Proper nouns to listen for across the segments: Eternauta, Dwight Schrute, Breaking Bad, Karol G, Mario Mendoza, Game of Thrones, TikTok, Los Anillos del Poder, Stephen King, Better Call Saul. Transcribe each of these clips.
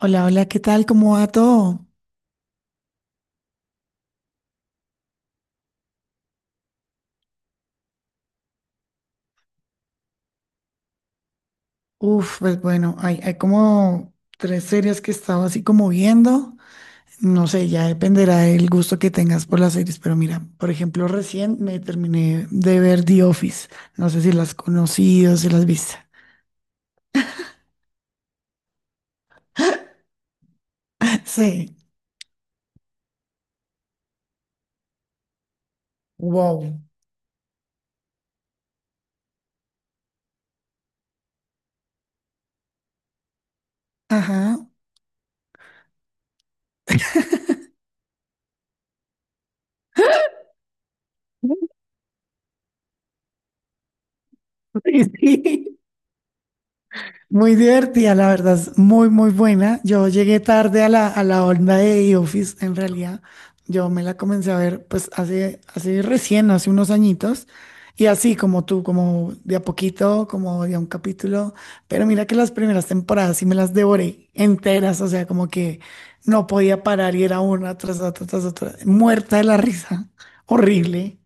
Hola, hola, ¿qué tal? ¿Cómo va todo? Uf, pues bueno, hay como tres series que he estado así como viendo. No sé, ya dependerá del gusto que tengas por las series, pero mira, por ejemplo, recién me terminé de ver The Office. No sé si las has conocido, si las has visto. Sí. Wow. Ajá. Sí, sí. Muy divertida, la verdad, es muy, muy buena. Yo llegué tarde a la onda de The Office, en realidad. Yo me la comencé a ver, pues, hace recién, hace unos añitos. Y así como tú, como de a poquito, como de a un capítulo. Pero mira que las primeras temporadas sí me las devoré enteras, o sea, como que no podía parar y era una tras otra, muerta de la risa. Horrible.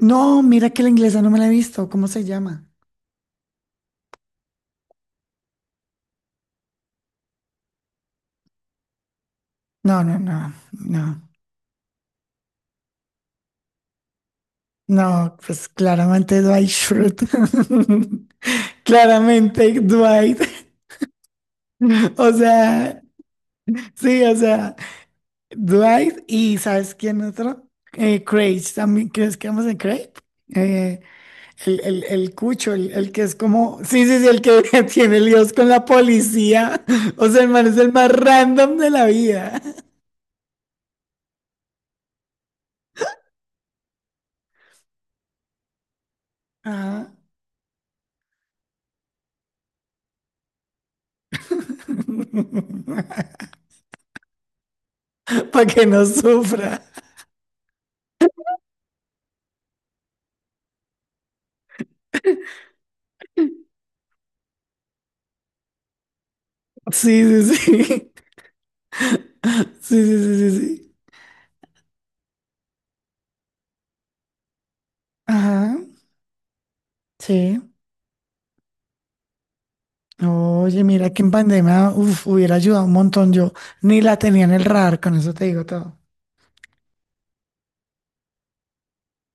No, mira que la inglesa no me la he visto. ¿Cómo se llama? No, no, no, no. No, pues claramente Dwight Schrute. Claramente Dwight. O sea, sí, o sea, Dwight y ¿sabes quién otro? Craig, también, ¿crees que vamos en Craig? Eh, el cucho, el que es como, sí, sí, sí, el que tiene líos con la policía. O sea, el man es el más random de la vida. Ajá. Para que no sufra. Sí, sí, sí. Sí, sí, sí, sí, sí. Ajá, sí. Oye, mira que en pandemia, uf, hubiera ayudado un montón. Yo ni la tenía en el radar, con eso te digo todo.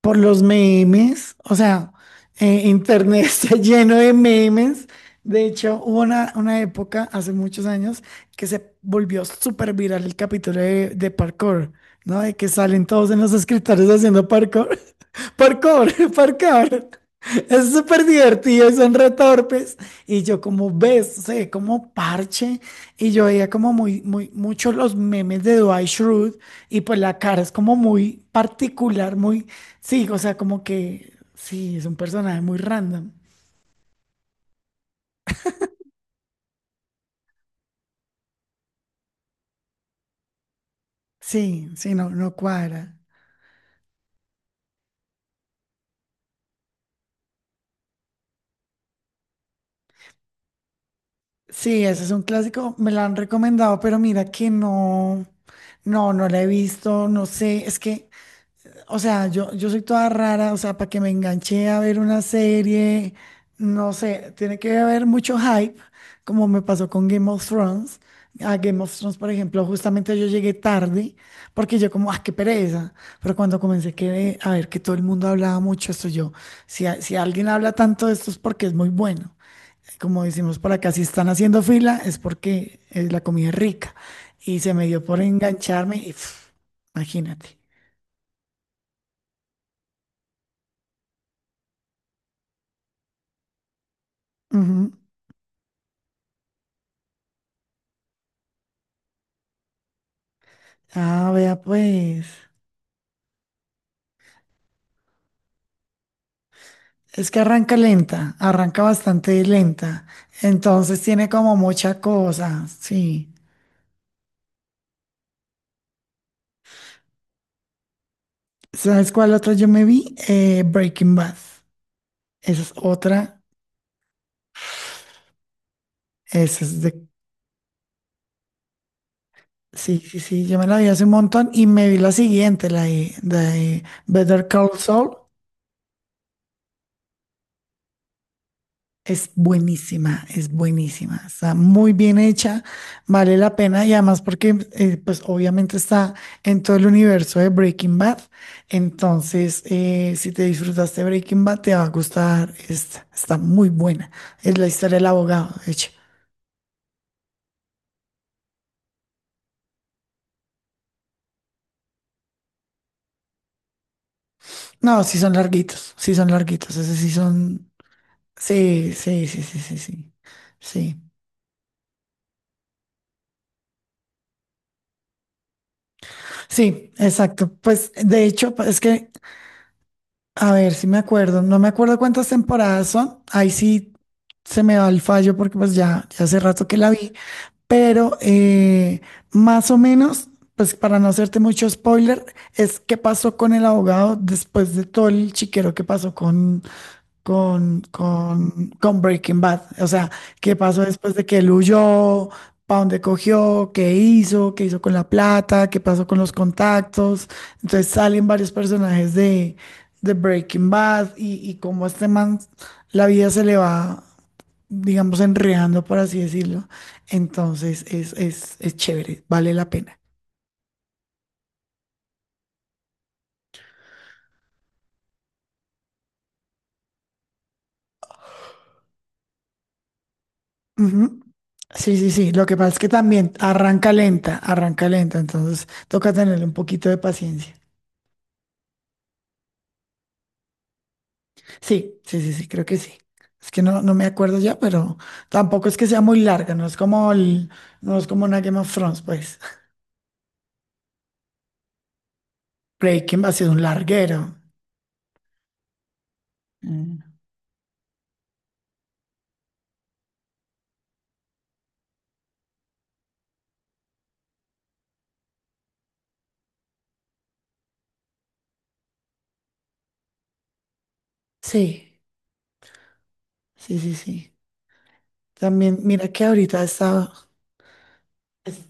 Por los memes, o sea, internet está lleno de memes. De hecho, hubo una época, hace muchos años, que se volvió súper viral el capítulo de parkour, ¿no? De que salen todos en los escritorios haciendo parkour. Parkour, parkour. Es súper divertido y son retorpes. Y yo como ves, se ve como parche. Y yo veía como muy, muy, muchos los memes de Dwight Schrute. Y pues la cara es como muy particular, muy, sí, o sea, como que, sí, es un personaje muy random. Sí, sí, no, no cuadra. Sí, ese es un clásico, me lo han recomendado, pero mira que no, no, no la he visto, no sé, es que. O sea, yo soy toda rara, o sea, para que me enganché a ver una serie, no sé, tiene que haber mucho hype, como me pasó con Game of Thrones. A Game of Thrones, por ejemplo, justamente yo llegué tarde, porque yo como, ah, qué pereza. Pero cuando comencé que, a ver que todo el mundo hablaba mucho, esto yo, si, si alguien habla tanto de esto es porque es muy bueno. Como decimos por acá, si están haciendo fila es porque la comida es rica. Y se me dio por engancharme y pf, imagínate. Ah, vea pues. Es que arranca lenta, arranca bastante lenta. Entonces tiene como mucha cosa, sí. ¿Sabes cuál otra yo me vi? Breaking Bad. Esa es otra. Esa es de. Sí, sí, sí, yo me la vi hace un montón y me vi la siguiente, la de Better Call Saul. Es buenísima, está muy bien hecha, vale la pena y además porque pues obviamente está en todo el universo de Breaking Bad, entonces si te disfrutaste Breaking Bad te va a gustar esta, está muy buena, es la historia del abogado, de hecho. No, sí son larguitos, esos sí son, sí, sí, sí, sí, sí, sí, sí. Sí, exacto. Pues de hecho, pues, es que. A ver si me acuerdo. No me acuerdo cuántas temporadas son. Ahí sí se me va el fallo porque pues ya hace rato que la vi. Pero más o menos, pues para no hacerte mucho spoiler, es qué pasó con el abogado después de todo el chiquero que pasó con Breaking Bad. O sea, qué pasó después de que él huyó, para dónde cogió, qué hizo con la plata, qué pasó con los contactos. Entonces salen varios personajes de Breaking Bad y cómo a este man la vida se le va, digamos, enredando, por así decirlo. Entonces es chévere, vale la pena. Ujú. Sí, sí, sí. Lo que pasa es que también arranca lenta, entonces toca tenerle un poquito de paciencia. Sí, sí, sí, sí, creo que sí. Es que no, no me acuerdo ya, pero tampoco es que sea muy larga, no es como una Game of Thrones, pues. Breaking va a ser un larguero. Mm. Sí, sí, sí, sí. También, mira que ahorita estaba, es-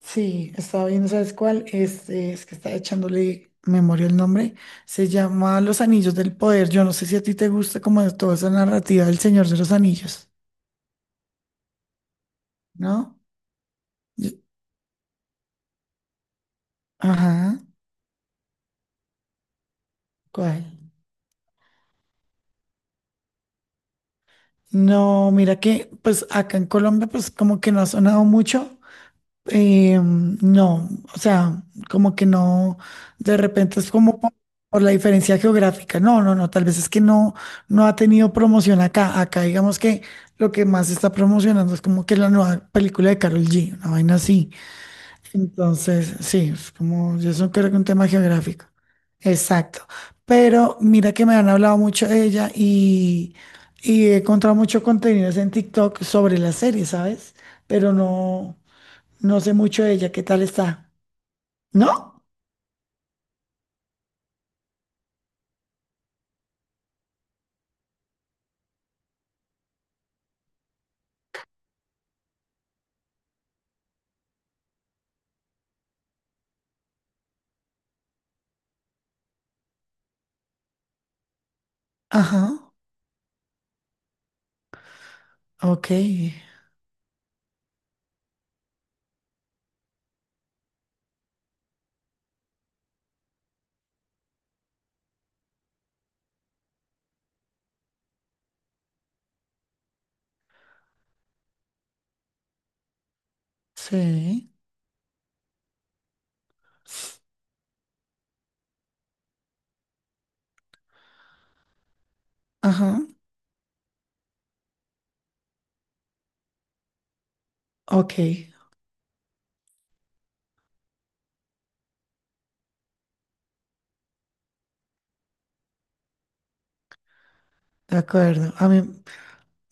sí, estaba viendo, ¿sabes cuál? Este, es que estaba echándole memoria el nombre. Se llama Los Anillos del Poder. Yo no sé si a ti te gusta como toda esa narrativa del Señor de los Anillos, ¿no? Yo- Ajá, ¿cuál? No, mira que pues acá en Colombia pues como que no ha sonado mucho. No, o sea, como que no, de repente es como por, la diferencia geográfica. No, no, no, tal vez es que no, no ha tenido promoción acá. Acá digamos que lo que más se está promocionando es como que la nueva película de Karol G, una vaina así. Entonces, sí, es como yo eso creo que un tema geográfico. Exacto. Pero mira que me han hablado mucho de ella y he encontrado mucho contenidos en TikTok sobre la serie, ¿sabes? Pero no, no sé mucho de ella. ¿Qué tal está? ¿No? Ajá. Ok. Sí. Ajá. Ok. De acuerdo. A mí.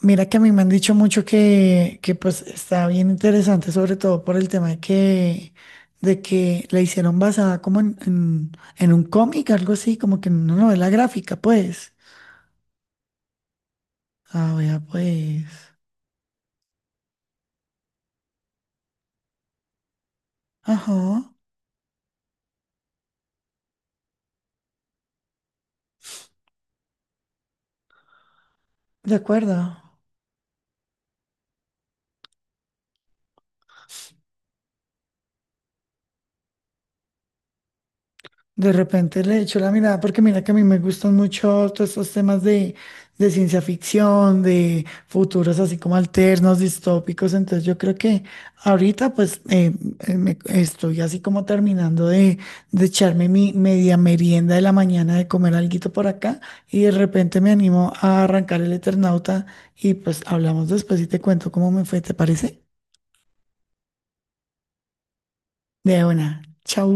Mira que a mí me han dicho mucho que pues está bien interesante, sobre todo por el tema de que la hicieron basada como en un cómic, algo así, como que en una novela gráfica, pues. Ah, vea, pues. Ajá, de acuerdo. De repente le echo la mirada porque mira que a mí me gustan mucho todos estos temas de ciencia ficción, de futuros así como alternos, distópicos. Entonces yo creo que ahorita pues estoy así como terminando de echarme mi media merienda de la mañana, de comer alguito por acá y de repente me animo a arrancar el Eternauta y pues hablamos después y te cuento cómo me fue, ¿te parece? De una, chau.